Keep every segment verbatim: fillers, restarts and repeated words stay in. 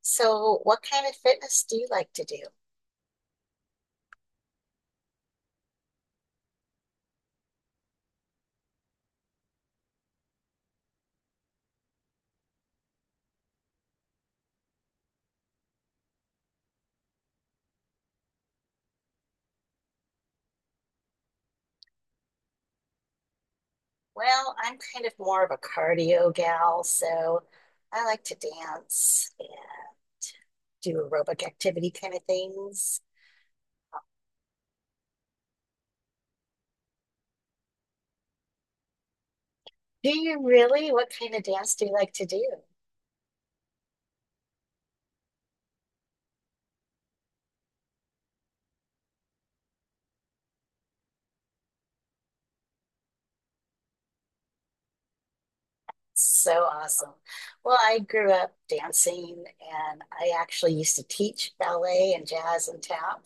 So, what kind of fitness do you like to do? Well, I'm kind of more of a cardio gal, so I like to dance and do aerobic activity kind of things. Do you really? What kind of dance do you like to do? So awesome. Well, I grew up dancing and I actually used to teach ballet and jazz and tap.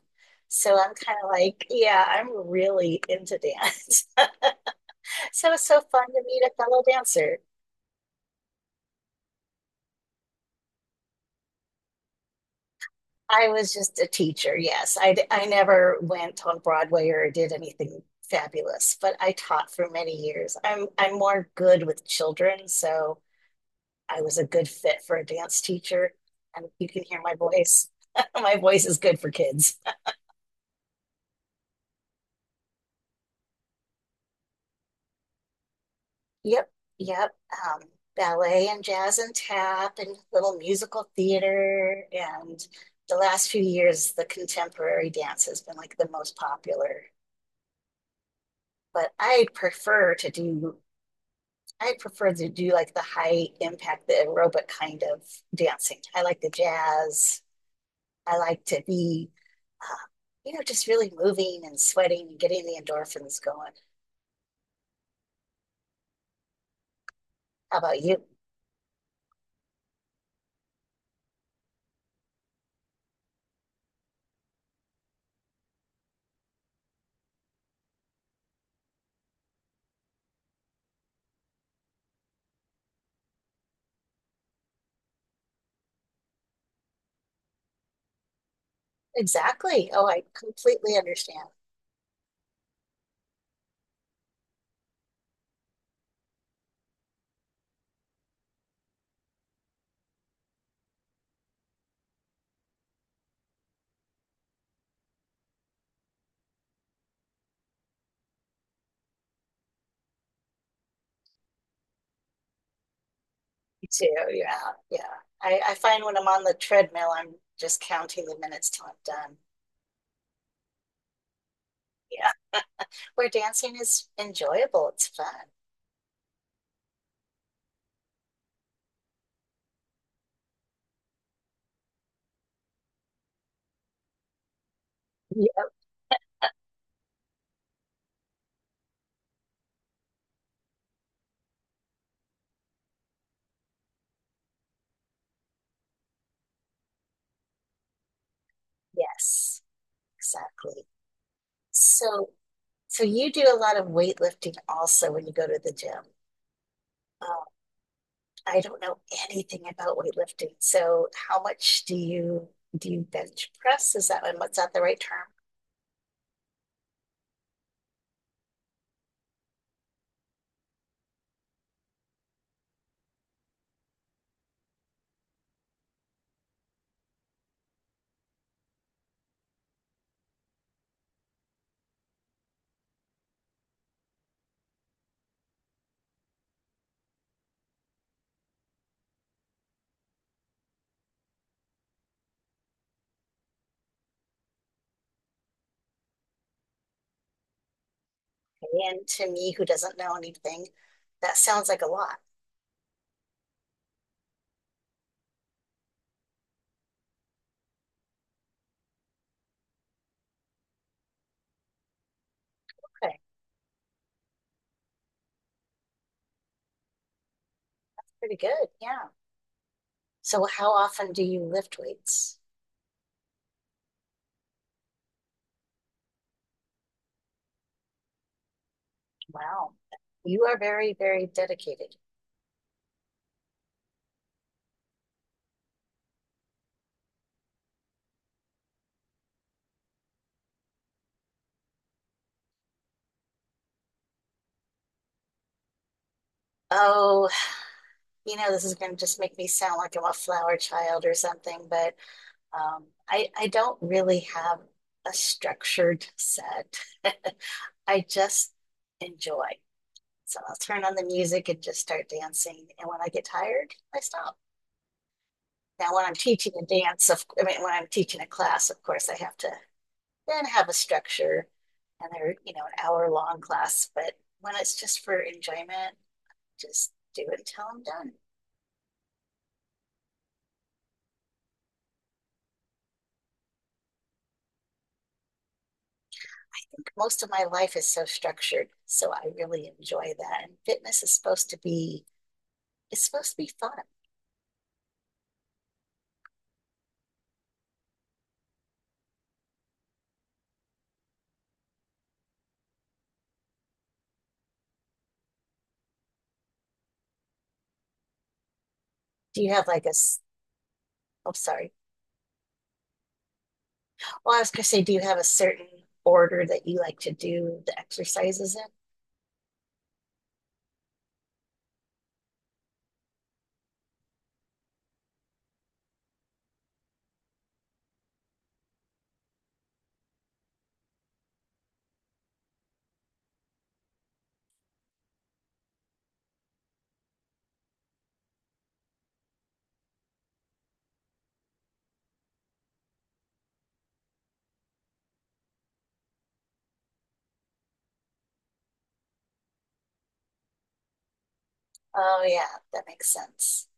So I'm kind of like, yeah, I'm really into dance. So it's so fun to meet a fellow dancer. I was just a teacher, yes. I, d- I never went on Broadway or did anything fabulous, but I taught for many years. I'm I'm more good with children, so I was a good fit for a dance teacher. And you can hear my voice. My voice is good for kids. Yep, yep. Um, Ballet and jazz and tap and little musical theater. And the last few years, the contemporary dance has been like the most popular. But I prefer to do I prefer to do like the high impact, the aerobic kind of dancing. I like the jazz. I like to be, uh, you know, just really moving and sweating and getting the endorphins going. How about you? Exactly. Oh, I completely understand. Me too. Yeah. Yeah. I, I find when I'm on the treadmill, I'm just counting the minutes till I'm done. Yeah. Where dancing is enjoyable, it's fun. Yeah. Yes, exactly. So, So you do a lot of weightlifting also when you go to the gym. Um, I don't know anything about weightlifting. So how much do you do you bench press? Is that what's that the right term? And to me, who doesn't know anything, that sounds like a lot. Okay, pretty good. Yeah. So how often do you lift weights? Wow. You are very, very dedicated. Oh, you know, this is going to just make me sound like I'm a flower child or something, but Um, I, I don't really have a structured set. I just enjoy. So I'll turn on the music and just start dancing. And when I get tired, I stop. Now, when I'm teaching a dance, of, I mean, when I'm teaching a class, of course, I have to then have a structure and they're, you know, an hour long class. But when it's just for enjoyment, just do it until I'm done. I think most of my life is so structured. So I really enjoy that. And fitness is supposed to be It's supposed to be fun. Do you have like a? Oh, sorry. Well, I was gonna say, do you have a certain order that you like to do the exercises in? Oh, yeah, that makes sense.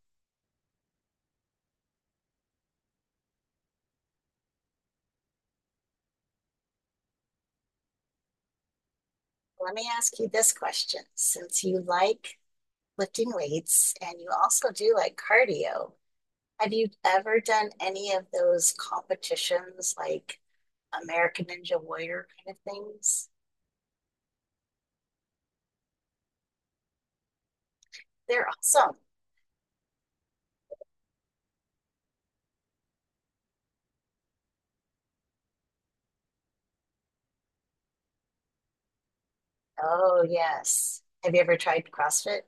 Let me ask you this question. Since you like lifting weights and you also do like cardio, have you ever done any of those competitions like American Ninja Warrior kind of things? They're awesome. Oh, yes. Have you ever tried CrossFit?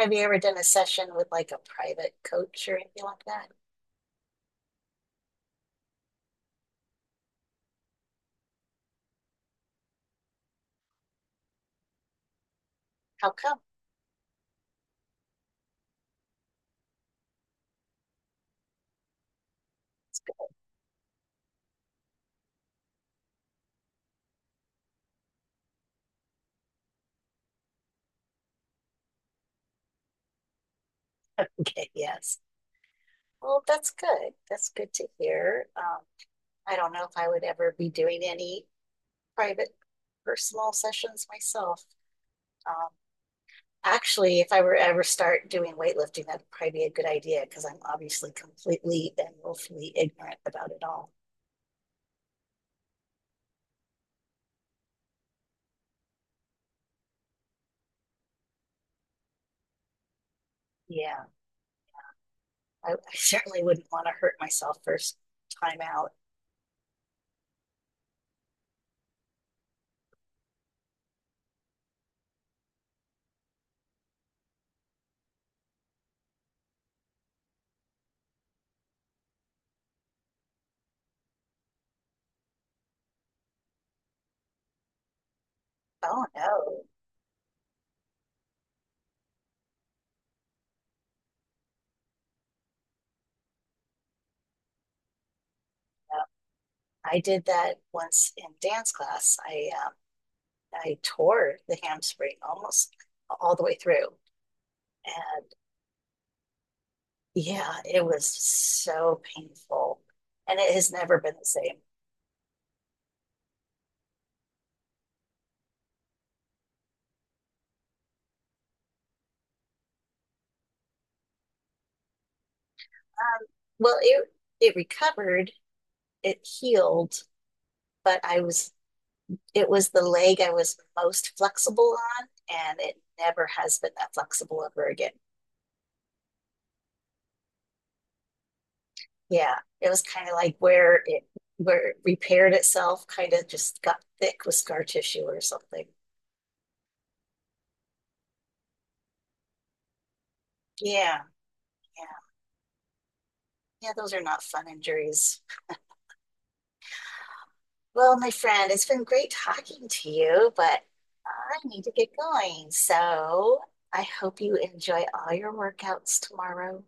Have you ever done a session with like a private coach or anything like that? How come? Okay, yes. Well, that's good. That's good to hear. Um, I don't know if I would ever be doing any private personal sessions myself. Um, Actually, if I were ever start doing weightlifting, that'd probably be a good idea because I'm obviously completely and willfully ignorant about it all. Yeah, I, I certainly wouldn't want to hurt myself first time out. Oh no. I did that once in dance class. I um, I tore the hamstring almost all the way through, and yeah, it was so painful, and it has never been the same. Well, it it recovered, it healed, but I was it was the leg I was most flexible on, and it never has been that flexible ever again. Yeah, it was kind of like where it where it repaired itself, kind of just got thick with scar tissue or something. Yeah. Yeah, yeah, those are not fun injuries. Well, my friend, it's been great talking to you, but I need to get going. So I hope you enjoy all your workouts tomorrow.